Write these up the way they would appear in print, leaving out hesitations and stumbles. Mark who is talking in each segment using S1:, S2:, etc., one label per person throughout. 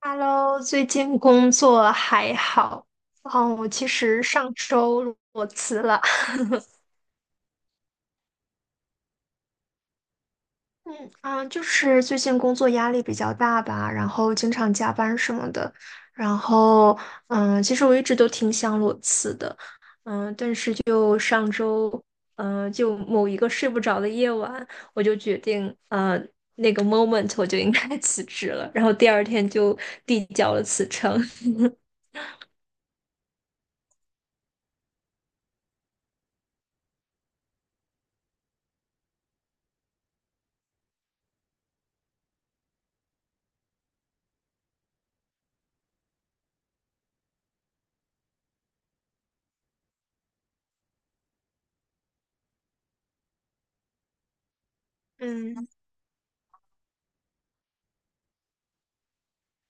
S1: Hello，最近工作还好？哦，我其实上周裸辞了。嗯啊，就是最近工作压力比较大吧，然后经常加班什么的。然后，其实我一直都挺想裸辞的。就上周，就某一个睡不着的夜晚，我就决定，那个 moment 我就应该 辞职了。然后第二天就递交了辞呈。嗯，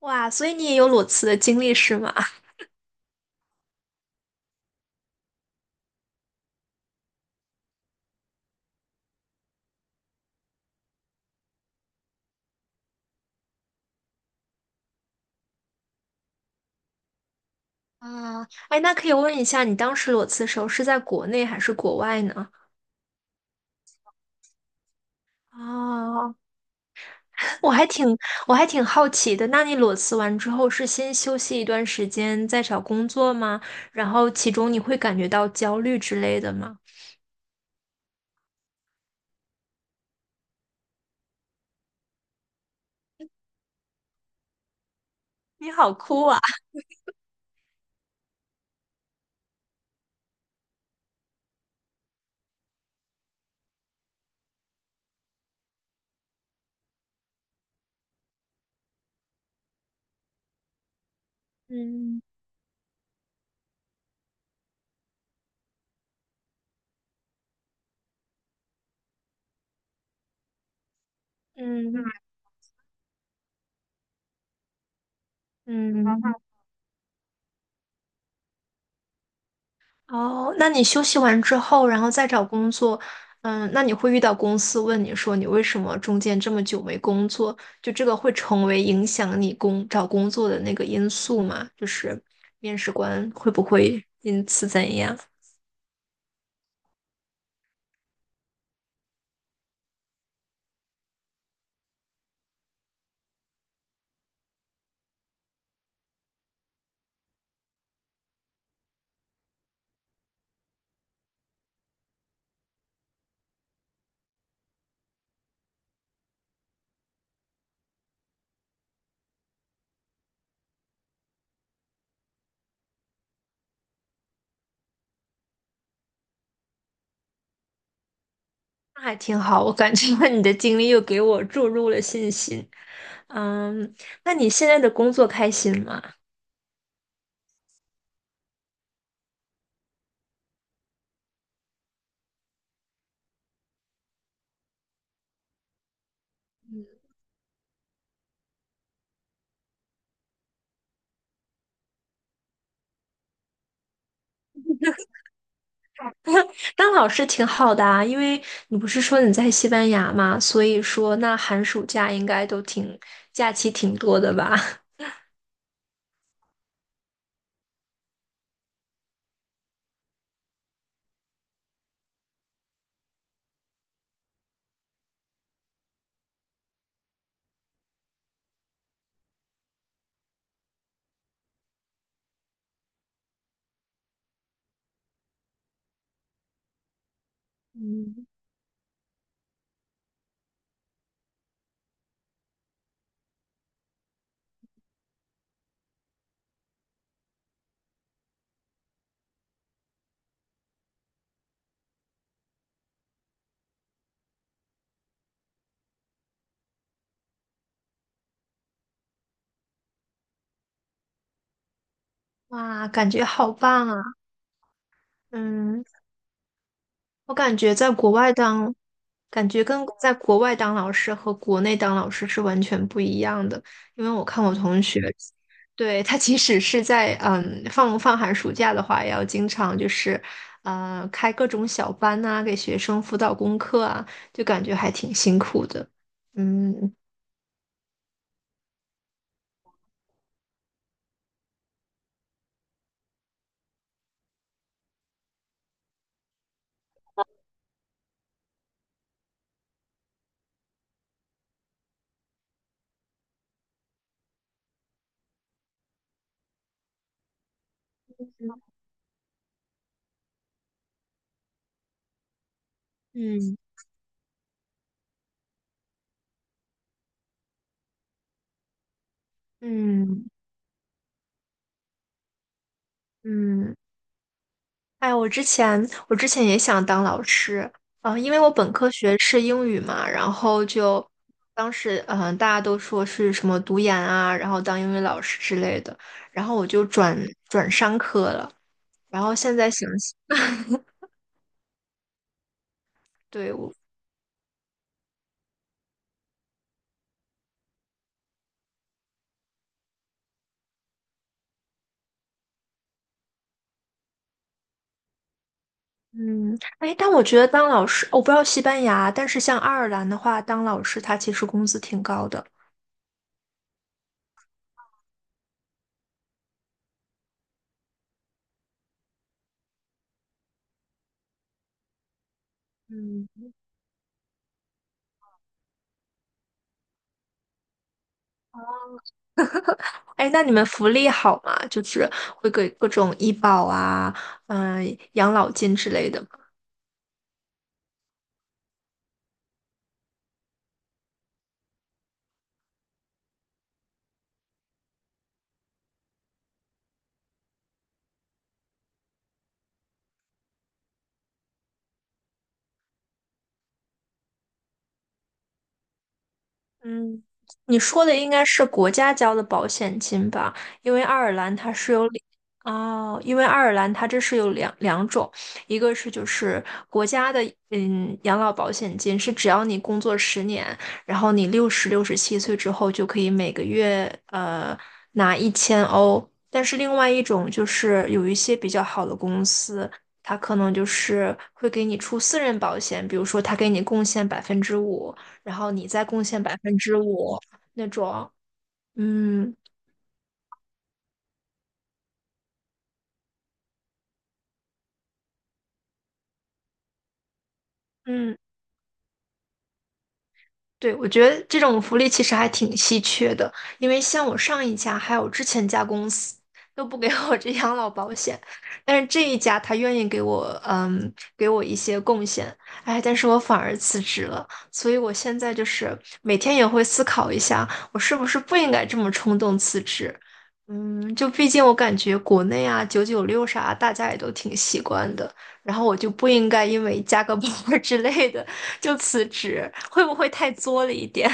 S1: 哇，所以你也有裸辞的经历是吗？啊，哎，那可以问一下，你当时裸辞的时候是在国内还是国外呢？啊，我还挺我还挺好奇的。那你裸辞完之后是先休息一段时间再找工作吗？然后其中你会感觉到焦虑之类的吗？你好酷啊！嗯嗯嗯。哦，那你休息完之后，然后再找工作，那你会遇到公司问你说你为什么中间这么久没工作？就这个会成为影响你找工作的那个因素吗？就是面试官会不会因此怎样？那还挺好，我感觉 你的经历又给我注入了信心。嗯，那你现在的工作开心吗？当老师挺好的啊，因为你不是说你在西班牙嘛，所以说那寒暑假应该都挺，假期挺多的吧？哇，感觉好棒啊！嗯，我感觉在国外当，感觉跟在国外当老师和国内当老师是完全不一样的。因为我看我同学，对，他即使是在放寒暑假的话，也要经常就是开各种小班呐、给学生辅导功课啊，就感觉还挺辛苦的。嗯嗯。嗯嗯。哎，我之前也想当老师，啊，因为我本科学是英语嘛，然后就当时大家都说是什么读研啊，然后当英语老师之类的，然后我就转商科了，然后现在想想，对，哎，但我觉得当老师，哦我不知道西班牙，但是像爱尔兰的话，当老师他其实工资挺高的。嗯，哎，那你们福利好吗？就是会给各种医保啊，养老金之类的。嗯，你说的应该是国家交的保险金吧？因为爱尔兰它是有两哦，因为爱尔兰它这是有两种，一个是就是国家的养老保险金是只要你工作10年，然后你67岁之后就可以每个月拿1000欧，但是另外一种就是有一些比较好的公司。它可能就是会给你出私人保险，比如说它给你贡献百分之五，然后你再贡献百分之五那种，嗯嗯，对，我觉得这种福利其实还挺稀缺的，因为像我上一家还有之前一家公司都不给我这养老保险，但是这一家他愿意给我一些贡献，哎，但是我反而辞职了，所以我现在就是每天也会思考一下，我是不是不应该这么冲动辞职。嗯，就毕竟我感觉国内啊，996啥，大家也都挺习惯的。然后我就不应该因为加个 班儿之类的就辞职，会不会太作了一点？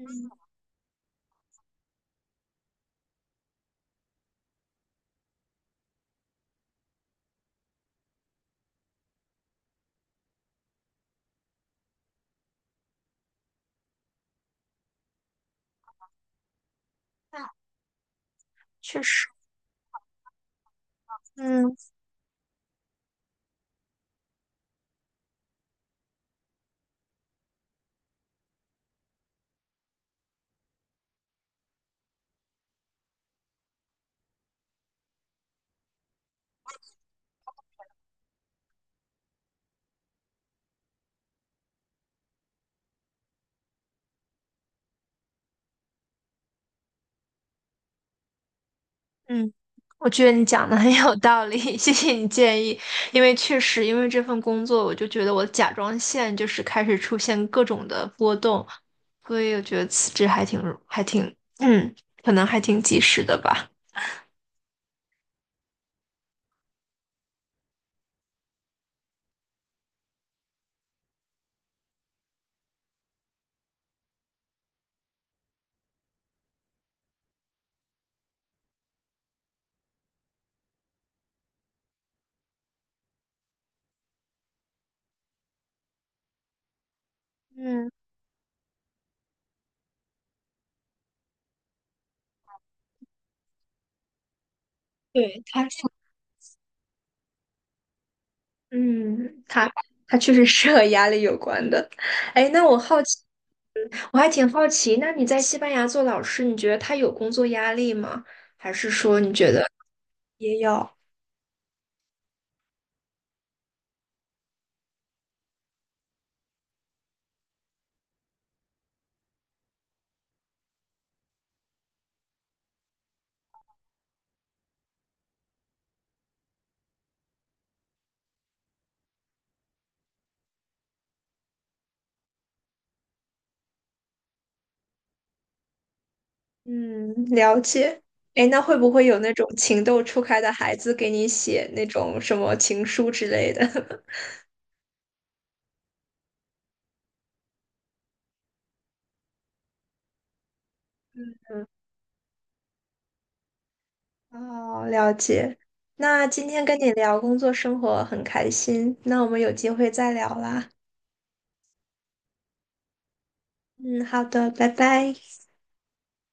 S1: 嗯确实，嗯嗯，我觉得你讲的很有道理，谢谢你建议。因为确实，因为这份工作，我就觉得我甲状腺就是开始出现各种的波动，所以我觉得辞职还挺还挺，嗯，可能还挺及时的吧。嗯，对，他这嗯，他他确实是和压力有关的。哎，那我还挺好奇，那你在西班牙做老师，你觉得他有工作压力吗？还是说你觉得也有？嗯，了解。哎，那会不会有那种情窦初开的孩子给你写那种什么情书之类的？哦，了解。那今天跟你聊工作生活很开心，那我们有机会再聊啦。嗯，好的，拜拜。